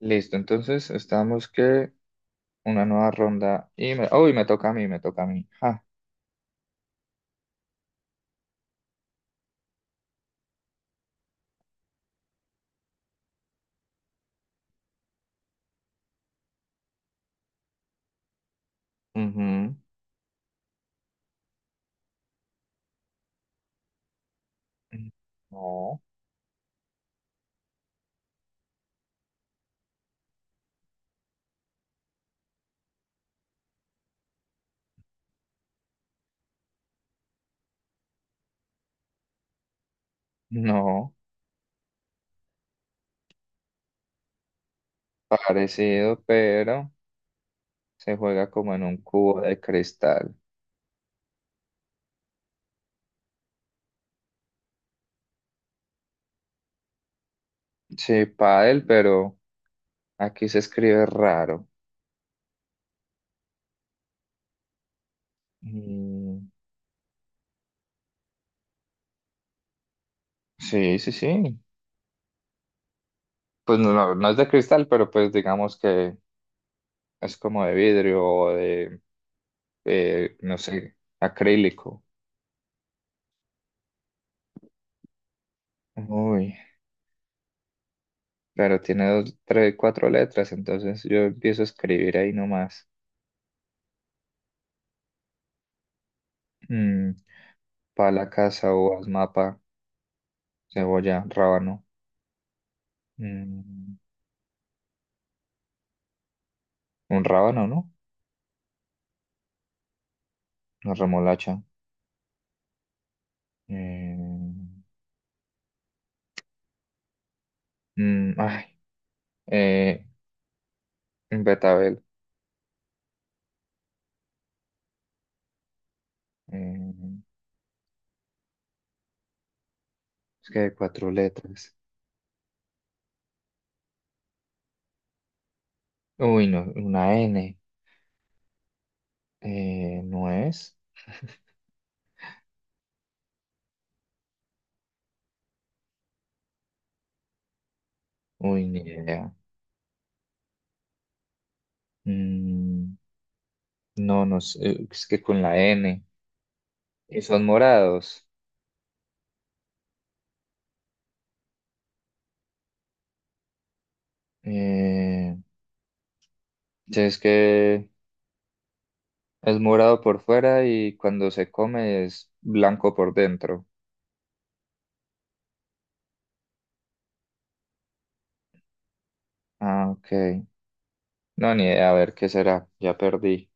Listo, entonces estamos que una nueva ronda y me, uy, me toca a mí, me toca a mí. Ja. Ujú. No, no, parecido, pero se juega como en un cubo de cristal. Sí, pádel, pero aquí se escribe raro. Mm, sí, sí, sí. Pues no, no es de cristal, pero pues digamos que es como de vidrio o de, no sé, acrílico. Uy. Claro, tiene dos, tres, cuatro letras, entonces yo empiezo a escribir ahí nomás. Mm, pala, casa, uvas, mapa, cebolla, rábano. Mm, un rábano, ¿no? Una remolacha. Eh, mm, ay, eh, un betabel. Eh, es que hay cuatro letras. Uy, no, una N. ¿No es? Uy, ni idea. Mm, no, no sé, es que con la N. Y son morados. Eh, Sí, es que es morado por fuera y cuando se come es blanco por dentro. Ah, ok. No, ni idea. A ver, ¿qué será? Ya perdí.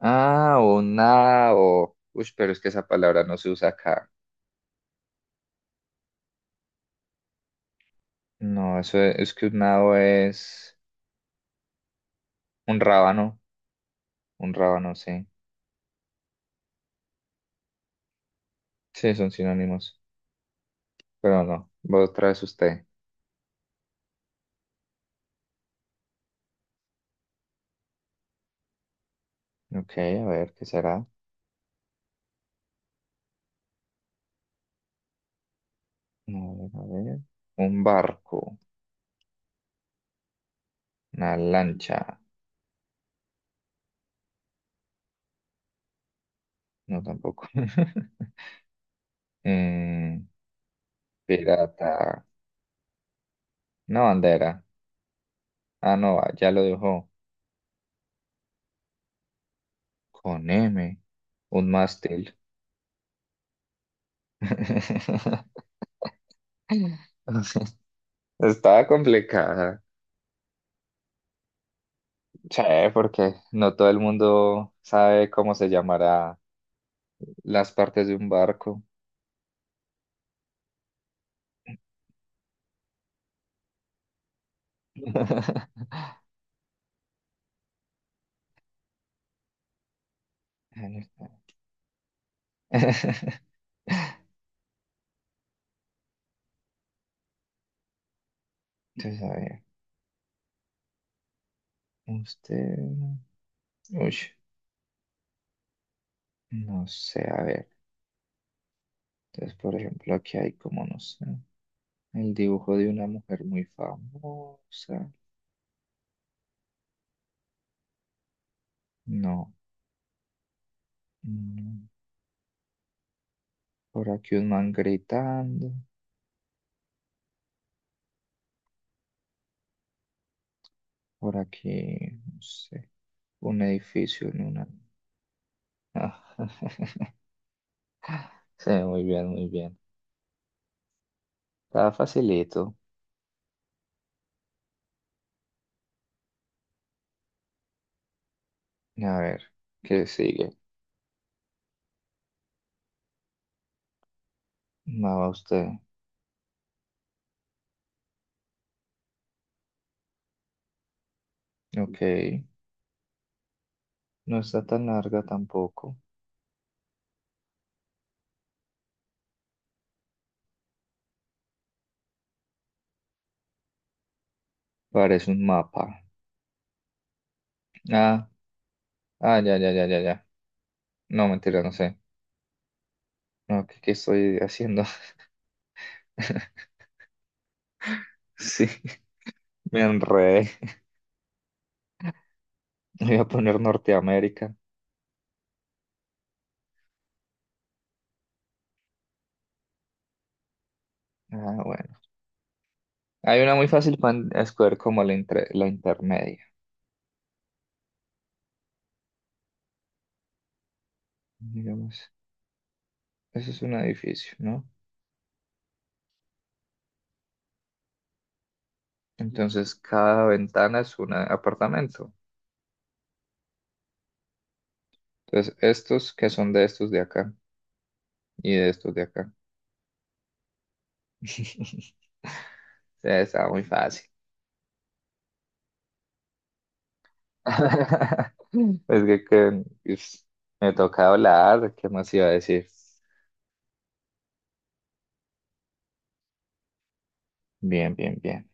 Ah, un nao. Uy, pero es que esa palabra no se usa acá. No, eso es que un nao es un rábano. Un rábano, sí. Sí, son sinónimos. Pero no, vos traes usted. Ok, a ver, ¿qué será? A ver, a ver. Un barco. Una lancha. No, tampoco. Eh, pirata. Una bandera. Ah, no, ah, ya lo dejó. Con M. Un mástil. Estaba complicada. Sí, porque no todo el mundo sabe cómo se llamará las partes de un barco. Entonces, a ver, usted, uy, no sé, a ver, entonces, por ejemplo, aquí hay como, no sé, el dibujo de una mujer muy famosa, no, no. Por aquí un man gritando, por aquí, no sé, un edificio en una... Ah, sí, muy bien, muy bien. Está facilito. A ver, ¿qué sigue? Mapa usted. Ok, no está tan larga tampoco. Parece un mapa. Ah, ah, ya, ya, ya, ya, ya. No, mentira, no sé. No, ¿qué, qué estoy haciendo? Sí, me enredé. Voy a poner Norteamérica. Ah, bueno. Hay una muy fácil para escoger como la, la intermedia. Digamos, eso es un edificio, ¿no? Entonces, cada ventana es un apartamento. Entonces, estos que son de estos de acá y de estos de acá. Sí, está muy fácil. Es que, que, ups, me toca hablar, ¿qué más iba a decir? Bien, bien, bien.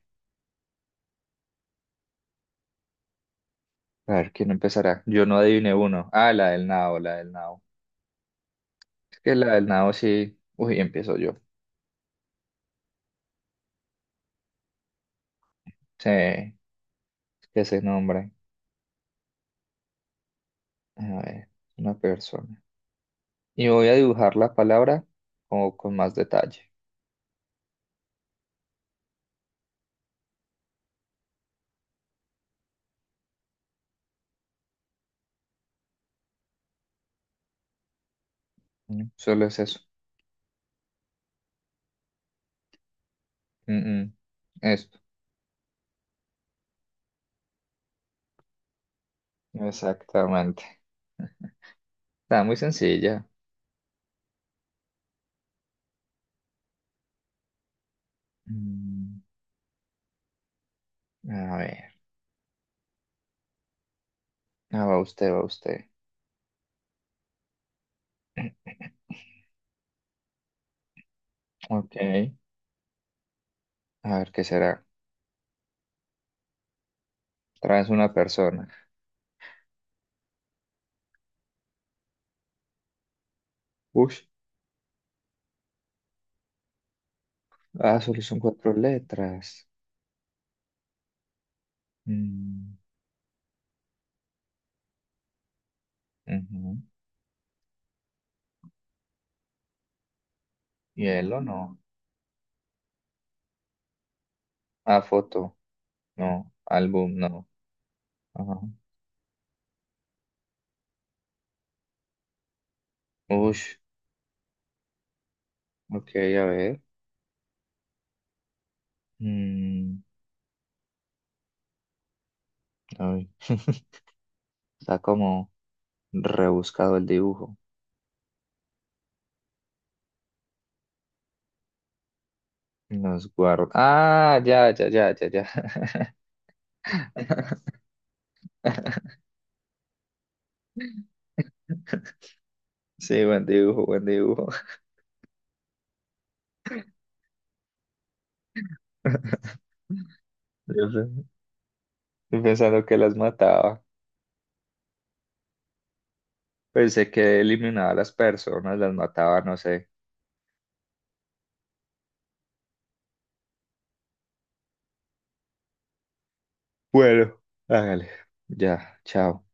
A ver, ¿quién empezará? Yo no adiviné uno. Ah, la del nao, la del nao. Es que la del nao sí. Uy, empiezo yo. Sí, que se nombre. A ver, una persona. Y voy a dibujar la palabra como con más detalle. Mm, solo es eso. Mm, mm. Esto. Exactamente. Está muy sencilla. Mm, a ver. Ah, va usted, va usted. Ok. A ver, ¿qué será? Traes una persona. Ush. Ah, solo son cuatro letras. Mm, ujú. Hielo, no. Ah, foto. No. Álbum, no. Ajá. Ush. Ok, a ver. Mm, ay. Está como rebuscado el dibujo. Nos guarda. Ah, ya, ya, ya, ya, ya. Sí, buen dibujo, buen dibujo. Yo pe- yo pensando que las mataba. Pensé que eliminaba a las personas, las mataba, no sé. Bueno, hágale. Ya, chao.